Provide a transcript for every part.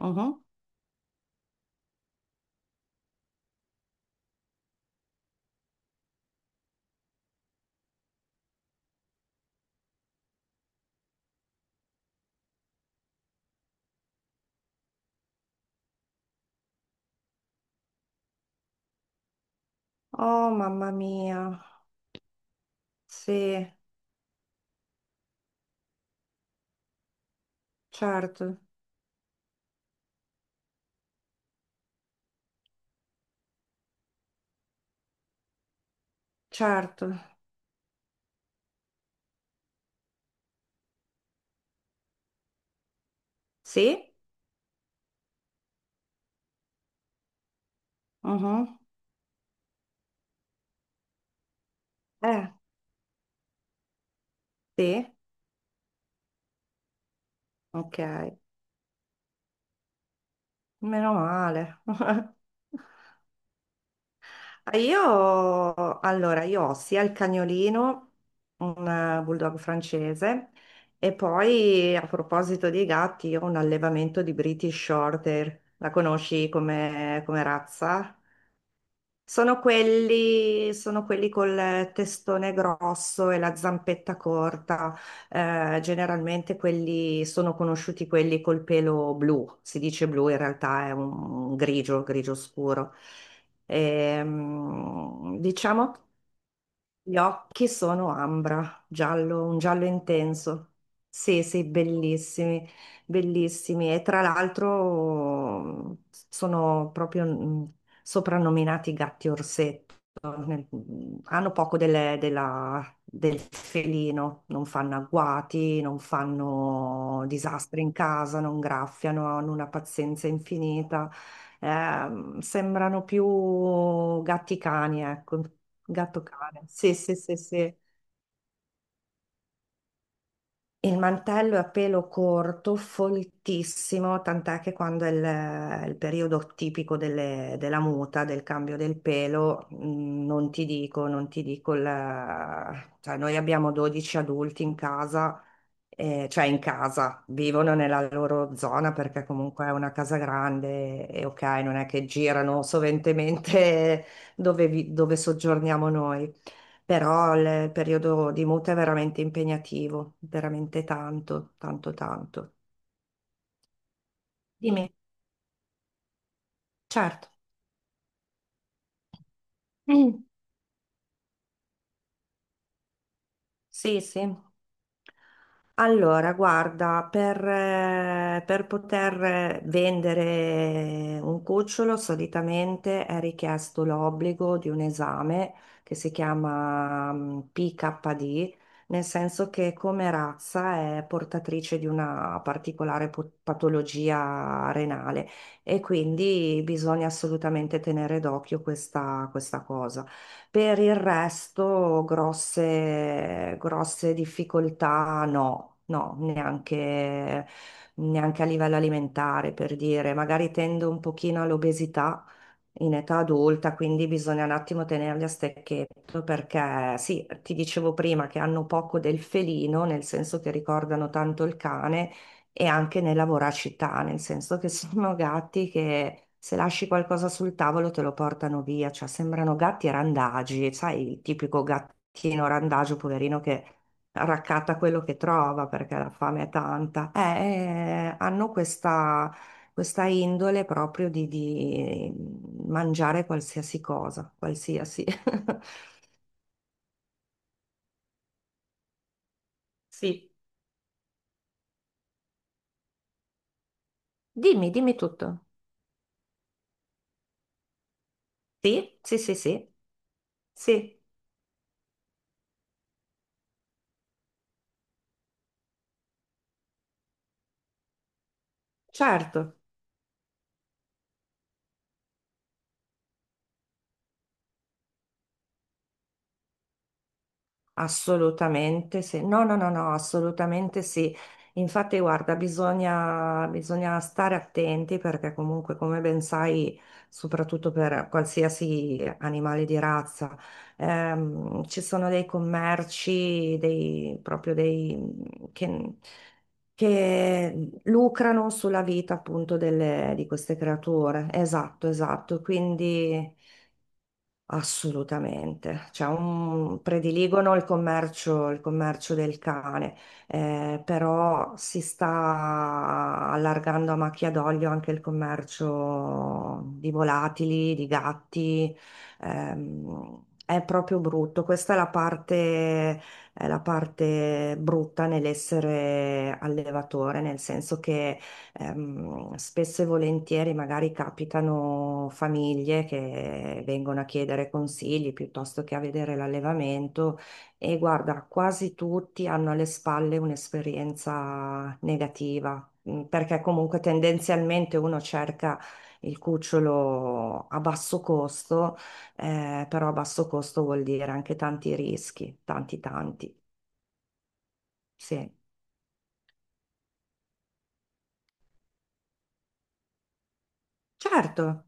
Mhm. Oh, mamma mia. Sì, certo, certo. Sì? Mhm. Eh, sì. Ok. Meno male. Ah, io, allora, io ho sia il cagnolino, un bulldog francese, e poi a proposito dei gatti, io ho un allevamento di British Shorthair. La conosci come razza? Sono quelli col testone grosso e la zampetta corta. Generalmente quelli sono conosciuti quelli col pelo blu, si dice blu, in realtà è un grigio, grigio scuro. Diciamo che gli occhi sono ambra, giallo, un giallo intenso. Sì, sì, bellissimi, bellissimi. E tra l'altro sono proprio soprannominati gatti orsetti, nel- hanno poco del felino, non fanno agguati, non fanno disastri in casa, non graffiano, hanno una pazienza infinita. Sembrano più gatti cani, ecco, gatto cane. Sì, sì, sì, sì. Il mantello è a pelo corto, foltissimo, tant'è che quando è il periodo tipico della muta, del cambio del pelo, non ti dico, non ti dico, cioè noi abbiamo 12 adulti in casa, cioè in casa, vivono nella loro zona perché comunque è una casa grande e ok, non è che girano soventemente dove, dove soggiorniamo noi, però il periodo di muta è veramente impegnativo, veramente tanto, tanto, tanto. Dimmi, certo. Mm. Sì, sì. Allora, guarda, per poter vendere un cucciolo solitamente è richiesto l'obbligo di un esame che si chiama PKD, nel senso che come razza è portatrice di una particolare patologia renale e quindi bisogna assolutamente tenere d'occhio questa cosa. Per il resto, grosse, grosse difficoltà no, no, neanche, neanche a livello alimentare, per dire. Magari tendo un pochino all'obesità in età adulta, quindi bisogna un attimo tenerli a stecchetto perché sì, ti dicevo prima che hanno poco del felino, nel senso che ricordano tanto il cane e anche nella voracità, nel senso che sono gatti che se lasci qualcosa sul tavolo te lo portano via, cioè sembrano gatti randagi, sai, il tipico gattino randagio, poverino, che raccatta quello che trova perché la fame è tanta. Hanno questa, questa indole proprio di mangiare qualsiasi cosa, qualsiasi. Sì, dimmi, dimmi tutto. Sì, sì, sì, sì, sì, certo. Assolutamente sì, no, no, no, no, assolutamente sì. Infatti, guarda, bisogna stare attenti perché comunque, come ben sai, soprattutto per qualsiasi animale di razza, ci sono dei commerci, dei, proprio dei, che, che lucrano sulla vita appunto di queste creature. Esatto, esatto. Quindi... Assolutamente, cioè, prediligono il commercio del cane, però si sta allargando a macchia d'olio anche il commercio di volatili, di gatti, è proprio brutto. Questa è la parte brutta nell'essere allevatore, nel senso che spesso e volentieri magari capitano famiglie che vengono a chiedere consigli piuttosto che a vedere l'allevamento e guarda, quasi tutti hanno alle spalle un'esperienza negativa, perché comunque tendenzialmente uno cerca il cucciolo a basso costo, però a basso costo vuol dire anche tanti rischi, tanti tanti. Sì, certo,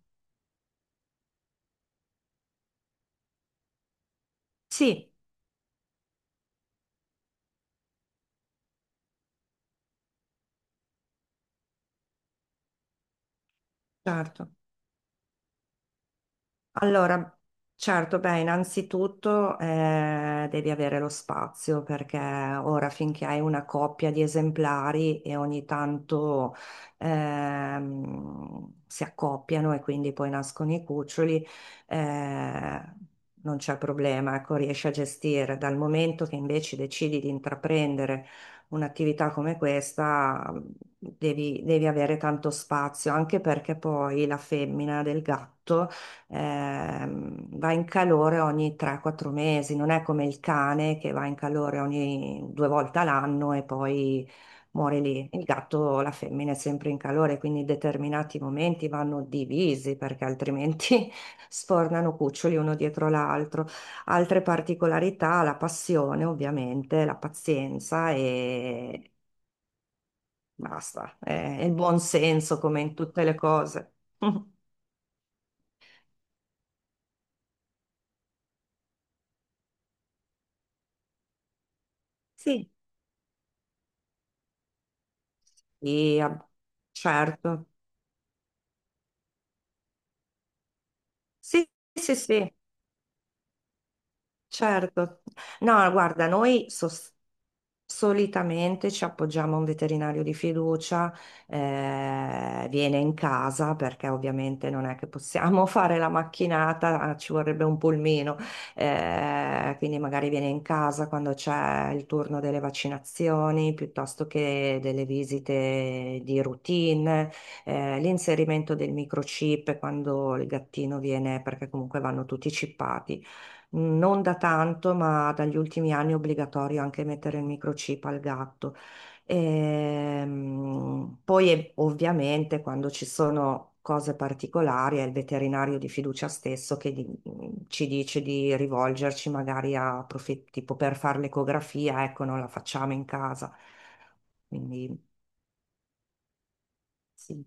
sì, certo. Allora, certo, beh, innanzitutto devi avere lo spazio perché ora finché hai una coppia di esemplari e ogni tanto si accoppiano e quindi poi nascono i cuccioli, eh, non c'è problema, ecco, riesci a gestire. Dal momento che invece decidi di intraprendere un'attività come questa, devi avere tanto spazio, anche perché poi la femmina del gatto va in calore ogni 3-4 mesi, non è come il cane che va in calore ogni due volte all'anno e poi muore lì. Il gatto, la femmina è sempre in calore, quindi determinati momenti vanno divisi perché altrimenti sfornano cuccioli uno dietro l'altro. Altre particolarità, la passione ovviamente, la pazienza e basta, è il buon senso come in tutte le cose. Sì, sì, ah, certo. Sì, sì, sì, certo. No, guarda, noi solitamente ci appoggiamo a un veterinario di fiducia, viene in casa perché ovviamente non è che possiamo fare la macchinata, ah, ci vorrebbe un pulmino, quindi magari viene in casa quando c'è il turno delle vaccinazioni piuttosto che delle visite di routine, l'inserimento del microchip quando il gattino viene, perché comunque vanno tutti chippati non da tanto, ma dagli ultimi anni è obbligatorio anche mettere il microchip al gatto. Poi ovviamente quando ci sono cose particolari è il veterinario di fiducia stesso che ci dice di rivolgerci magari a tipo per fare l'ecografia, ecco, non la facciamo in casa. Quindi sì.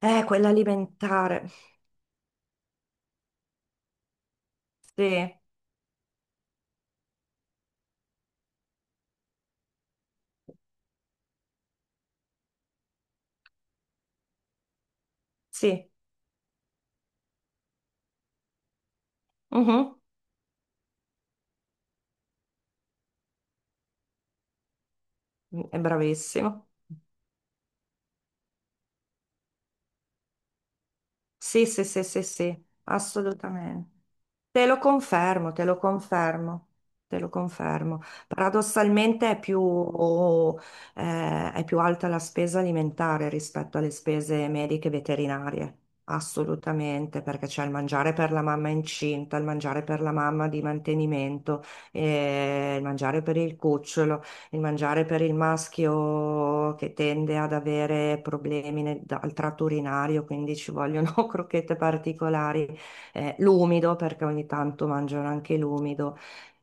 Quell'alimentare. Sì, sì. Mhm. È bravissimo. Sì, sì, sì, sì, sì, assolutamente. Te lo confermo, te lo confermo, te lo confermo. Paradossalmente è più alta la spesa alimentare rispetto alle spese mediche e veterinarie, assolutamente, perché c'è il mangiare per la mamma incinta, il mangiare per la mamma di mantenimento, il mangiare per il cucciolo, il mangiare per il maschio che tende ad avere problemi al tratto urinario, quindi ci vogliono crocchette particolari, l'umido, perché ogni tanto mangiano anche l'umido.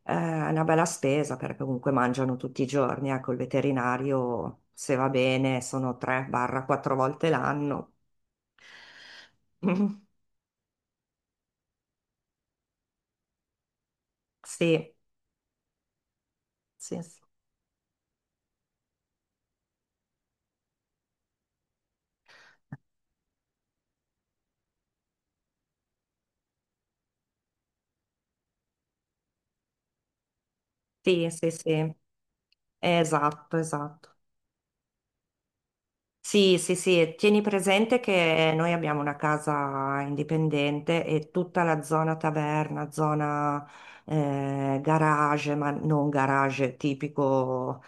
È una bella spesa perché comunque mangiano tutti i giorni, ecco, il veterinario, se va bene, sono 3-4 volte l'anno. Sì, sì, sì, sì, sì, sì. Esatto, esatto. Sì, sì, sì, tieni presente che noi abbiamo una casa indipendente e tutta la zona taverna, zona garage, ma non garage tipico,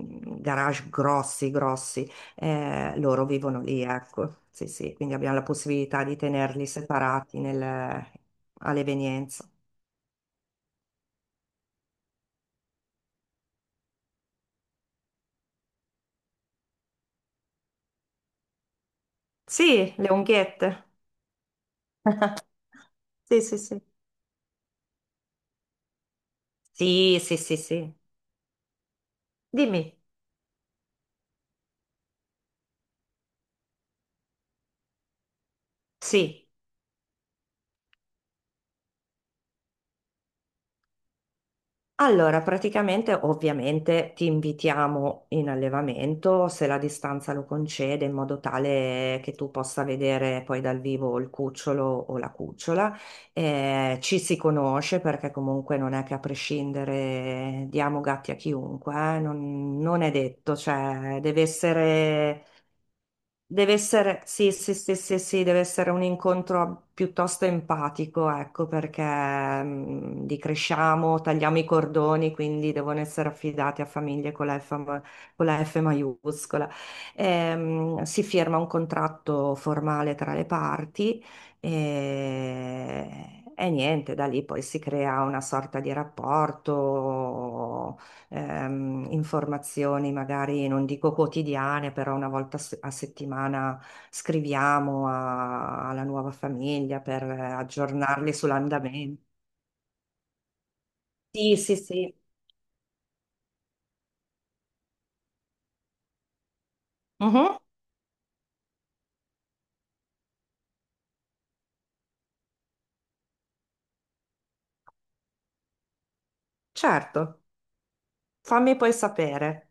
garage grossi, grossi, loro vivono lì, ecco. Sì, sì, quindi abbiamo la possibilità di tenerli separati all'evenienza. Sì, le unghiette. Sì, sì, sì. Sì, sì, sì, sì. Dimmi, sì. Allora, praticamente ovviamente ti invitiamo in allevamento se la distanza lo concede, in modo tale che tu possa vedere poi dal vivo il cucciolo o la cucciola. Ci si conosce perché comunque non è che a prescindere diamo gatti a chiunque, non, non è detto, cioè deve essere. Deve essere, sì, sì, sì, sì, sì, deve essere un incontro piuttosto empatico, ecco, perché li cresciamo, tagliamo i cordoni, quindi devono essere affidati a famiglie con la F, con la F maiuscola. Si firma un contratto formale tra le parti e niente, da lì poi si crea una sorta di rapporto, informazioni, magari non dico quotidiane, però una volta a settimana scriviamo alla nuova famiglia per aggiornarli sull'andamento. Sì, sì, sì. Mhm, certo, fammi poi sapere.